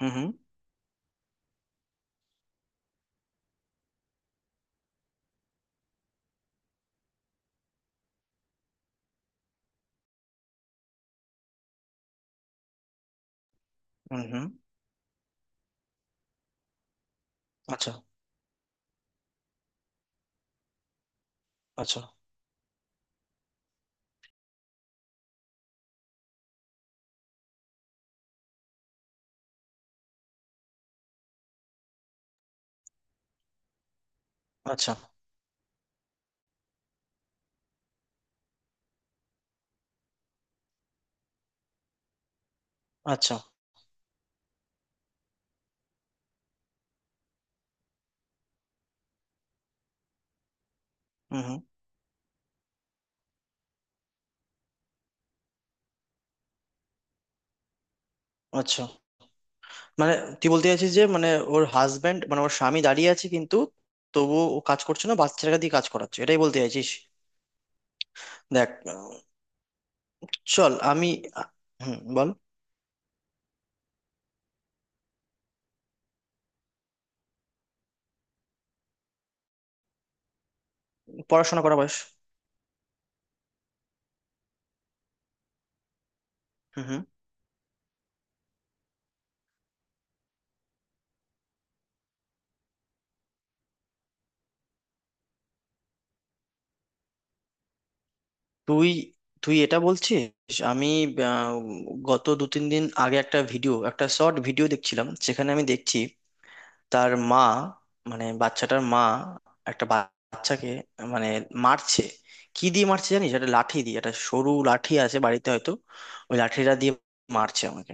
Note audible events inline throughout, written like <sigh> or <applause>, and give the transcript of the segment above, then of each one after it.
হুম, হুম, হুম, হুম। আচ্ছা, আচ্ছা, আচ্ছা, আচ্ছা। হুম, হুম। আচ্ছা, মানে তুই বলতে চাইছিস যে মানে ওর হাজবেন্ড, মানে ওর স্বামী দাঁড়িয়ে আছে কিন্তু তবুও ও কাজ করছে না, বাচ্চাটাকে দিয়ে কাজ করাচ্ছে, এটাই বলতে চাইছিস? দেখ, চল আমি, আহ, হুম, বল। পড়াশোনা করা বয়স। হুম, হুম। তুই তুই এটা বলছিস। আমি, আহ, গত দু তিন দিন আগে একটা ভিডিও, একটা শর্ট ভিডিও দেখছিলাম, সেখানে আমি দেখছি তার মা, মানে বাচ্চাটার মা একটা বাচ্চাকে, মানে মারছে। কি দিয়ে মারছে জানিস? একটা লাঠি দিয়ে, একটা সরু লাঠি আছে বাড়িতে হয়তো, ওই লাঠিটা দিয়ে মারছে আমাকে।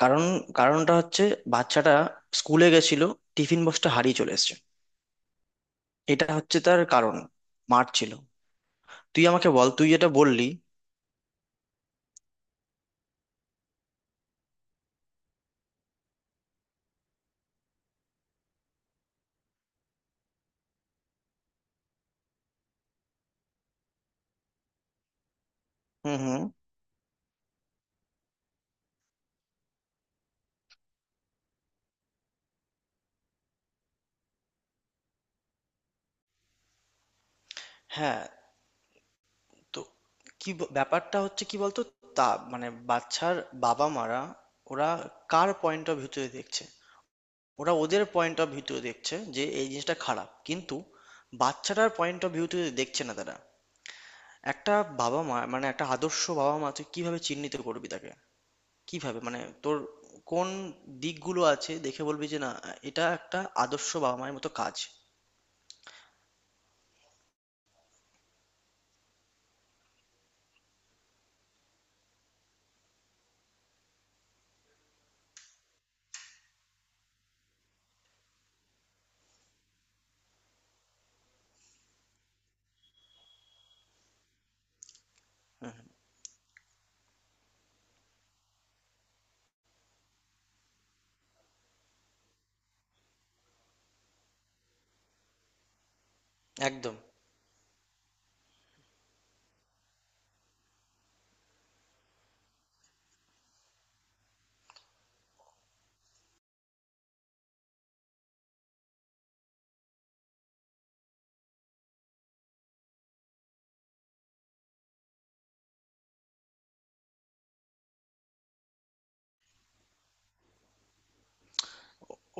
কারণ, কারণটা হচ্ছে বাচ্চাটা স্কুলে গেছিল, টিফিন বক্সটা হারিয়ে চলে এসেছে, এটা হচ্ছে তার কারণ। মারছিল। তুই আমাকে বল, তুই যেটা বললি। হুম, হুম। হ্যাঁ। তো কি ব্যাপারটা হচ্ছে কি বলতো, তা মানে বাচ্চার বাবা মারা, ওরা কার পয়েন্ট অফ ভিউতে দেখছে? ওরা ওদের পয়েন্ট অফ ভিউতে দেখছে যে এই জিনিসটা খারাপ, কিন্তু বাচ্চাটার পয়েন্ট অফ ভিউতে দেখছে না তারা। একটা বাবা মা, মানে একটা আদর্শ বাবা মা তুই কিভাবে চিহ্নিত করবি তাকে? কিভাবে, মানে তোর কোন দিকগুলো আছে দেখে বলবি যে না, এটা একটা আদর্শ বাবা মায়ের মতো কাজ। একদম।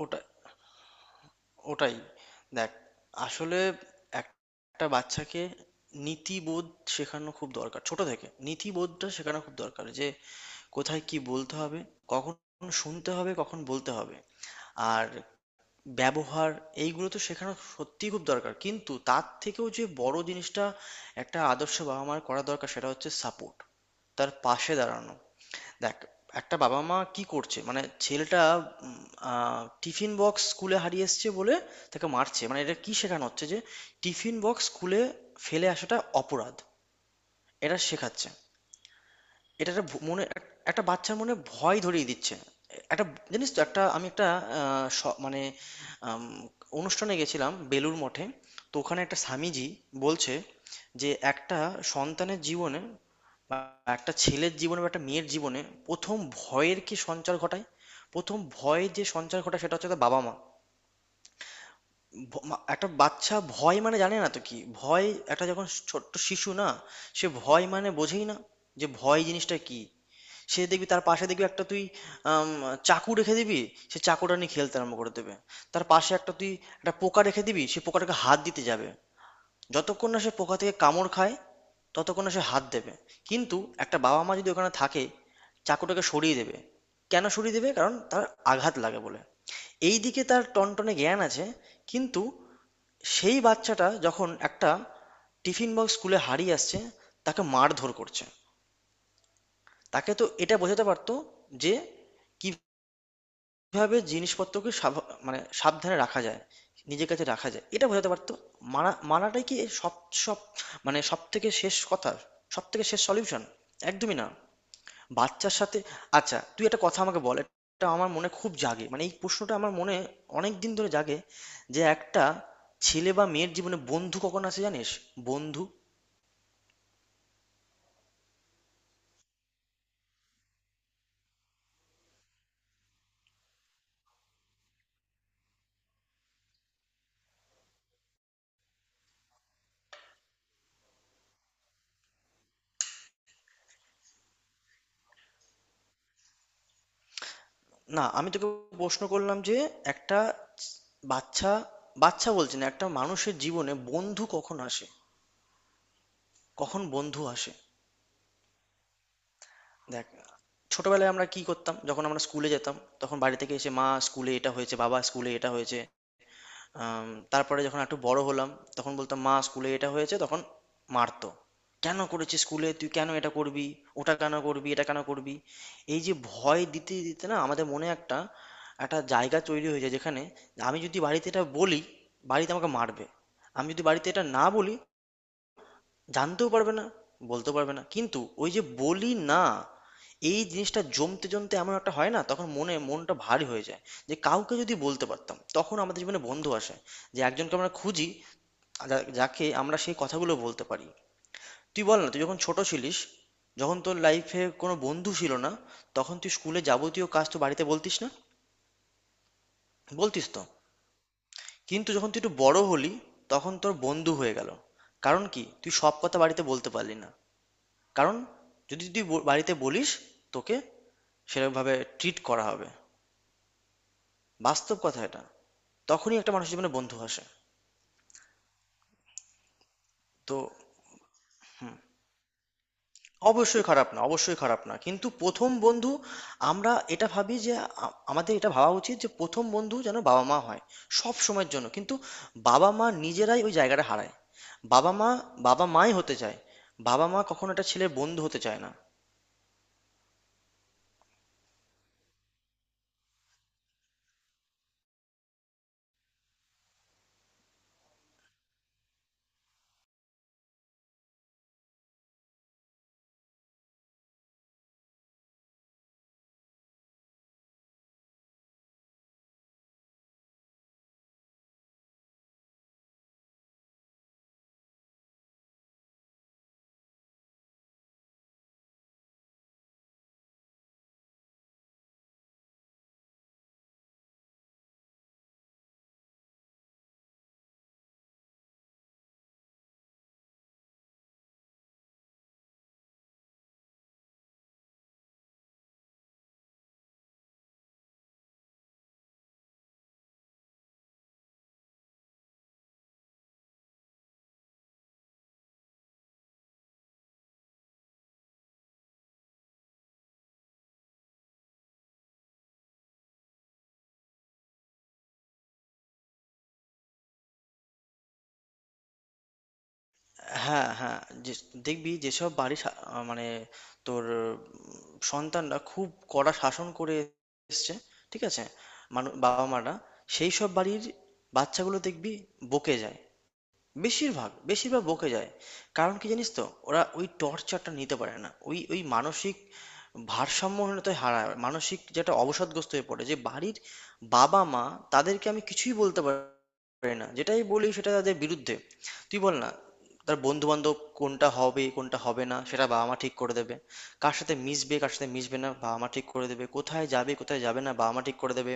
ওটা, ওটাই। দেখ, আসলে এক- একটা বাচ্চাকে নীতিবোধ শেখানো খুব দরকার, ছোট থেকে নীতিবোধটা শেখানো খুব দরকার যে কোথায় কি বলতে হবে, কখন শুনতে হবে, কখন বলতে হবে, আর ব্যবহার, এইগুলো তো শেখানো সত্যিই খুব দরকার, কিন্তু তার থেকেও যে বড় জিনিসটা একটা আদর্শ বাবা মার করা দরকার, সেটা হচ্ছে সাপোর্ট, তার পাশে দাঁড়ানো। দেখ, একটা বাবা মা কি করছে, মানে ছেলেটা উম, টিফিন বক্স স্কুলে হারিয়ে এসছে বলে তাকে মারছে, মানে এটা কি শেখানো হচ্ছে যে টিফিন বক্স স্কুলে ফেলে আসাটা অপরাধ? এটা শেখাচ্ছে। এটা একটা মনে একটা বাচ্চার মনে ভয় ধরিয়ে দিচ্ছে। একটা, জানিস তো, একটা আমি একটা মানে আম, অনুষ্ঠানে গেছিলাম বেলুর মঠে, তো ওখানে একটা স্বামীজি বলছে যে একটা সন্তানের জীবনে, একটা ছেলের জীবনে বা একটা মেয়ের জীবনে প্রথম ভয়ের কি সঞ্চার ঘটায়, প্রথম ভয় যে সঞ্চার ঘটায় সেটা হচ্ছে তার বাবা মা। ভ- মা- একটা বাচ্চা ভয় মানে জানে না তো কি ভয়। একটা যখন ছোট্ট শিশু না, সে ভয় মানে বোঝেই না, যে ভয় জিনিসটা কি। সে দেখবি, তার পাশে দেখবি একটা তুই আম, চাকু রেখে দিবি, সে চাকুটা নিয়ে খেলতে আরম্ভ করে দেবে। তার পাশে একটা তুই একটা পোকা রেখে দিবি, সে পোকাটাকে হাত দিতে যাবে, যতক্ষণ না সে পোকা থেকে কামড় খায় ততক্ষণ না সে হাত দেবে। কিন্তু একটা বাবা মা যদি ওখানে থাকে, চাকুটাকে সরিয়ে দেবে। কেন সরিয়ে দেবে? কারণ তার আঘাত লাগে বলে। এইদিকে তার টনটনে জ্ঞান আছে, কিন্তু সেই বাচ্চাটা যখন একটা টিফিন বক্স স্কুলে হারিয়ে আসছে, তাকে মারধর করছে, তাকে তো এটা বোঝাতে পারতো যে কি, কিভাবে জিনিসপত্রকে সাভা, মানে সাবধানে রাখা যায়, নিজের কাছে রাখা যায়। এটা বোঝাতে পারতো। মানা, মানাটাই কি সব? সব মানে সবথেকে শেষ কথা? সবথেকে শেষ সলিউশন? একদমই না। বাচ্চার সাথে, আচ্ছা তুই একটা কথা আমাকে বল, এটা আমার মনে খুব জাগে। মানে এই প্রশ্নটা আমার মনে অনেকদিন ধরে জাগে যে একটা ছেলে বা মেয়ের জীবনে বন্ধু কখন আসে জানিস? বন্ধু। না, আমি তোকে প্রশ্ন করলাম যে একটা বাচ্চা, বাচ্চা বলছি না, একটা মানুষের জীবনে বন্ধু কখন আসে? কখন বন্ধু আসে? দেখ, ছোটবেলায় আমরা কি করতাম? যখন আমরা স্কুলে যেতাম, তখন বাড়ি থেকে এসে মা স্কুলে এটা হয়েছে, বাবা স্কুলে এটা হয়েছে। তারপরে যখন একটু বড় হলাম, তখন বলতাম মা স্কুলে এটা হয়েছে, তখন মারতো। কেন করেছিস স্কুলে, তুই কেন এটা করবি, ওটা কেন করবি, এটা কেন করবি। এই যে ভয় দিতে দিতে না আমাদের মনে একটা, একটা জায়গা তৈরি হয়ে যায় যেখানে আমি যদি বাড়িতে এটা বলি, বাড়িতে আমাকে মারবে। আমি যদি বাড়িতে এটা না বলি, জানতেও পারবে না, বলতেও পারবে না, কিন্তু ওই যে বলি না, এই জিনিসটা জমতে জমতে এমন একটা হয় না, তখন মনে, মনটা ভারী হয়ে যায় যে কাউকে যদি বলতে পারতাম, তখন আমাদের জীবনে বন্ধু আসে, যে একজনকে আমরা খুঁজি, যাকে আমরা সেই কথাগুলো বলতে পারি। তুই বল না, তুই যখন ছোট ছিলিস, যখন তোর লাইফে কোনো বন্ধু ছিল না, তখন তুই স্কুলে যাবতীয় কাজ তো বাড়িতে বলতিস না? বলতিস তো? কিন্তু যখন তুই একটু বড় হলি, তখন তোর বন্ধু হয়ে গেল। কারণ কি তুই সব কথা বাড়িতে বলতে পারলি না, কারণ যদি তুই বাড়িতে বলিস, তোকে সেরকমভাবে ট্রিট করা হবে। বাস্তব কথা এটা। তখনই একটা মানুষের জীবনে বন্ধু আসে। তো অবশ্যই খারাপ না, অবশ্যই খারাপ না, কিন্তু প্রথম বন্ধু, আমরা এটা ভাবি যে, আমাদের এটা ভাবা উচিত যে প্রথম বন্ধু যেন বাবা মা হয় সব সময়ের জন্য, কিন্তু বাবা মা নিজেরাই ওই জায়গাটা হারায়। বাবা মা, বাবা মাই হতে চায়, বাবা মা কখনো একটা ছেলের বন্ধু হতে চায় না। হ্যাঁ, হ্যাঁ। দেখবি যেসব বাড়ি মানে তোর সন্তানরা খুব কড়া শাসন করে এসছে, ঠিক আছে, মানু বাবা মারা, সেই সব বাড়ির বাচ্চাগুলো দেখবি বকে যায়, বেশিরভাগ, বেশিরভাগ বকে যায়। কারণ কি জানিস তো? ওরা ওই টর্চারটা নিতে পারে না। ওই ওই মানসিক ভারসাম্যহীনতায় হারায়। মানসিক, যেটা অবসাদগ্রস্ত হয়ে পড়ে। যে বাড়ির বাবা-মা তাদেরকে আমি কিছুই বলতে পারি না। যেটাই বলি সেটা তাদের বিরুদ্ধে। তুই বল না, তার বন্ধু-বান্ধব কোনটা হবে, কোনটা হবে না সেটা বাবা-মা ঠিক করে দেবে। কার সাথে মিশবে, কার সাথে মিশবে না বাবা-মা ঠিক করে দেবে। কোথায় যাবে, কোথায় যাবে না বাবা-মা ঠিক করে দেবে।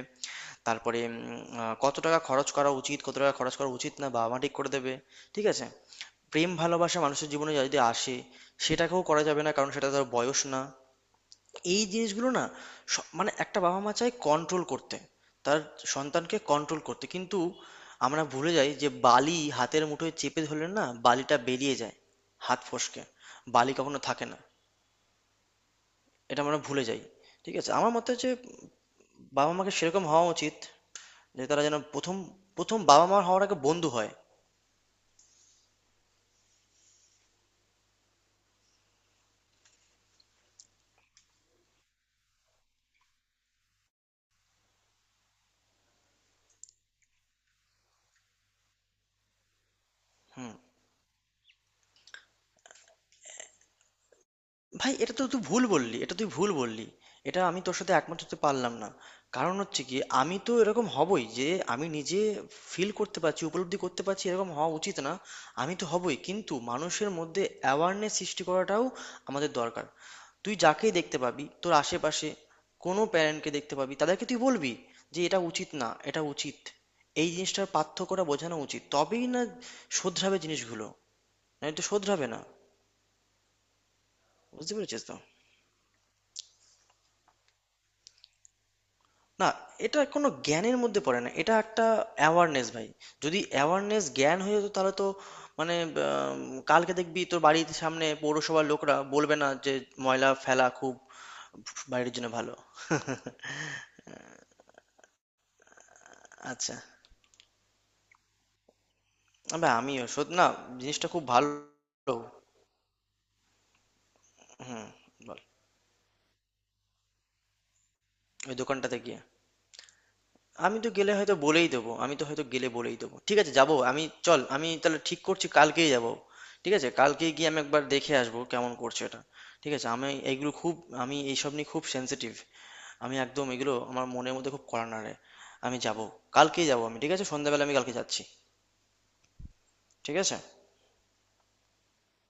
তারপরে কত টাকা খরচ করা উচিত, কত টাকা খরচ করা উচিত না বাবা মা ঠিক করে দেবে, ঠিক আছে। প্রেম ভালোবাসা মানুষের জীবনে যদি আসে, সেটাকেও করা যাবে না, কারণ সেটা তার বয়স না। এই জিনিসগুলো না, মানে একটা বাবা মা চায় কন্ট্রোল করতে, তার সন্তানকে কন্ট্রোল করতে, কিন্তু আমরা ভুলে যাই যে বালি হাতের মুঠোয় চেপে ধরলে না, বালিটা বেরিয়ে যায়, হাত ফসকে বালি কখনো থাকে না। এটা আমরা ভুলে যাই। ঠিক আছে, আমার মতে হচ্ছে বাবা মাকে সেরকম হওয়া উচিত যে তারা যেন প্রথম, প্রথম বাবা মা হওয়ার আগে বন্ধু হয়। ভাই এটা তো তুই ভুল বললি, এটা তুই ভুল বললি, এটা আমি তোর সাথে একমত হতে পারলাম না। কারণ হচ্ছে কি, আমি তো এরকম হবই, যে আমি নিজে ফিল করতে পারছি, উপলব্ধি করতে পারছি এরকম হওয়া উচিত না, আমি তো হবই, কিন্তু মানুষের মধ্যে অ্যাওয়ারনেস সৃষ্টি করাটাও আমাদের দরকার। তুই যাকেই দেখতে পাবি তোর আশেপাশে, কোনো প্যারেন্টকে দেখতে পাবি, তাদেরকে তুই বলবি যে এটা উচিত না, এটা উচিত। এই জিনিসটার পার্থক্যটা বোঝানো উচিত, তবেই না শোধরাবে জিনিসগুলো। না, এটা শোধরাবে না? বুঝতে পেরেছিস তো। না, এটা কোনো জ্ঞানের মধ্যে পড়ে না, এটা একটা অ্যাওয়ারনেস, ভাই। যদি অ্যাওয়ারনেস জ্ঞান হয়ে যেত তাহলে তো, মানে আম, কালকে দেখবি তোর বাড়ির সামনে পৌরসভার লোকরা বলবে না যে ময়লা ফেলা খুব বাড়ির জন্য ভালো। <laughs> আচ্ছা। আবে আমিও সত্যি না, জিনিসটা খুব ভালো। হুম, বল। ওই দোকানটাতে গিয়ে, আমি তো গেলে হয়তো বলেই দেবো, আমি তো হয়তো গেলে বলেই দেবো, ঠিক আছে, যাবো আমি, চল আমি তাহলে ঠিক করছি কালকেই যাবো। ঠিক আছে, কালকেই গিয়ে আমি একবার দেখে আসবো কেমন করছে এটা। ঠিক আছে, আমি এগুলো খুব, আমি এইসব নিয়ে খুব সেনসিটিভ, আমি একদম এগুলো আমার মনের মধ্যে খুব কড়া নাড়ে। আমি যাবো, কালকেই যাবো আমি, ঠিক আছে, সন্ধ্যাবেলা আমি কালকে যাচ্ছি। ঠিক আছে।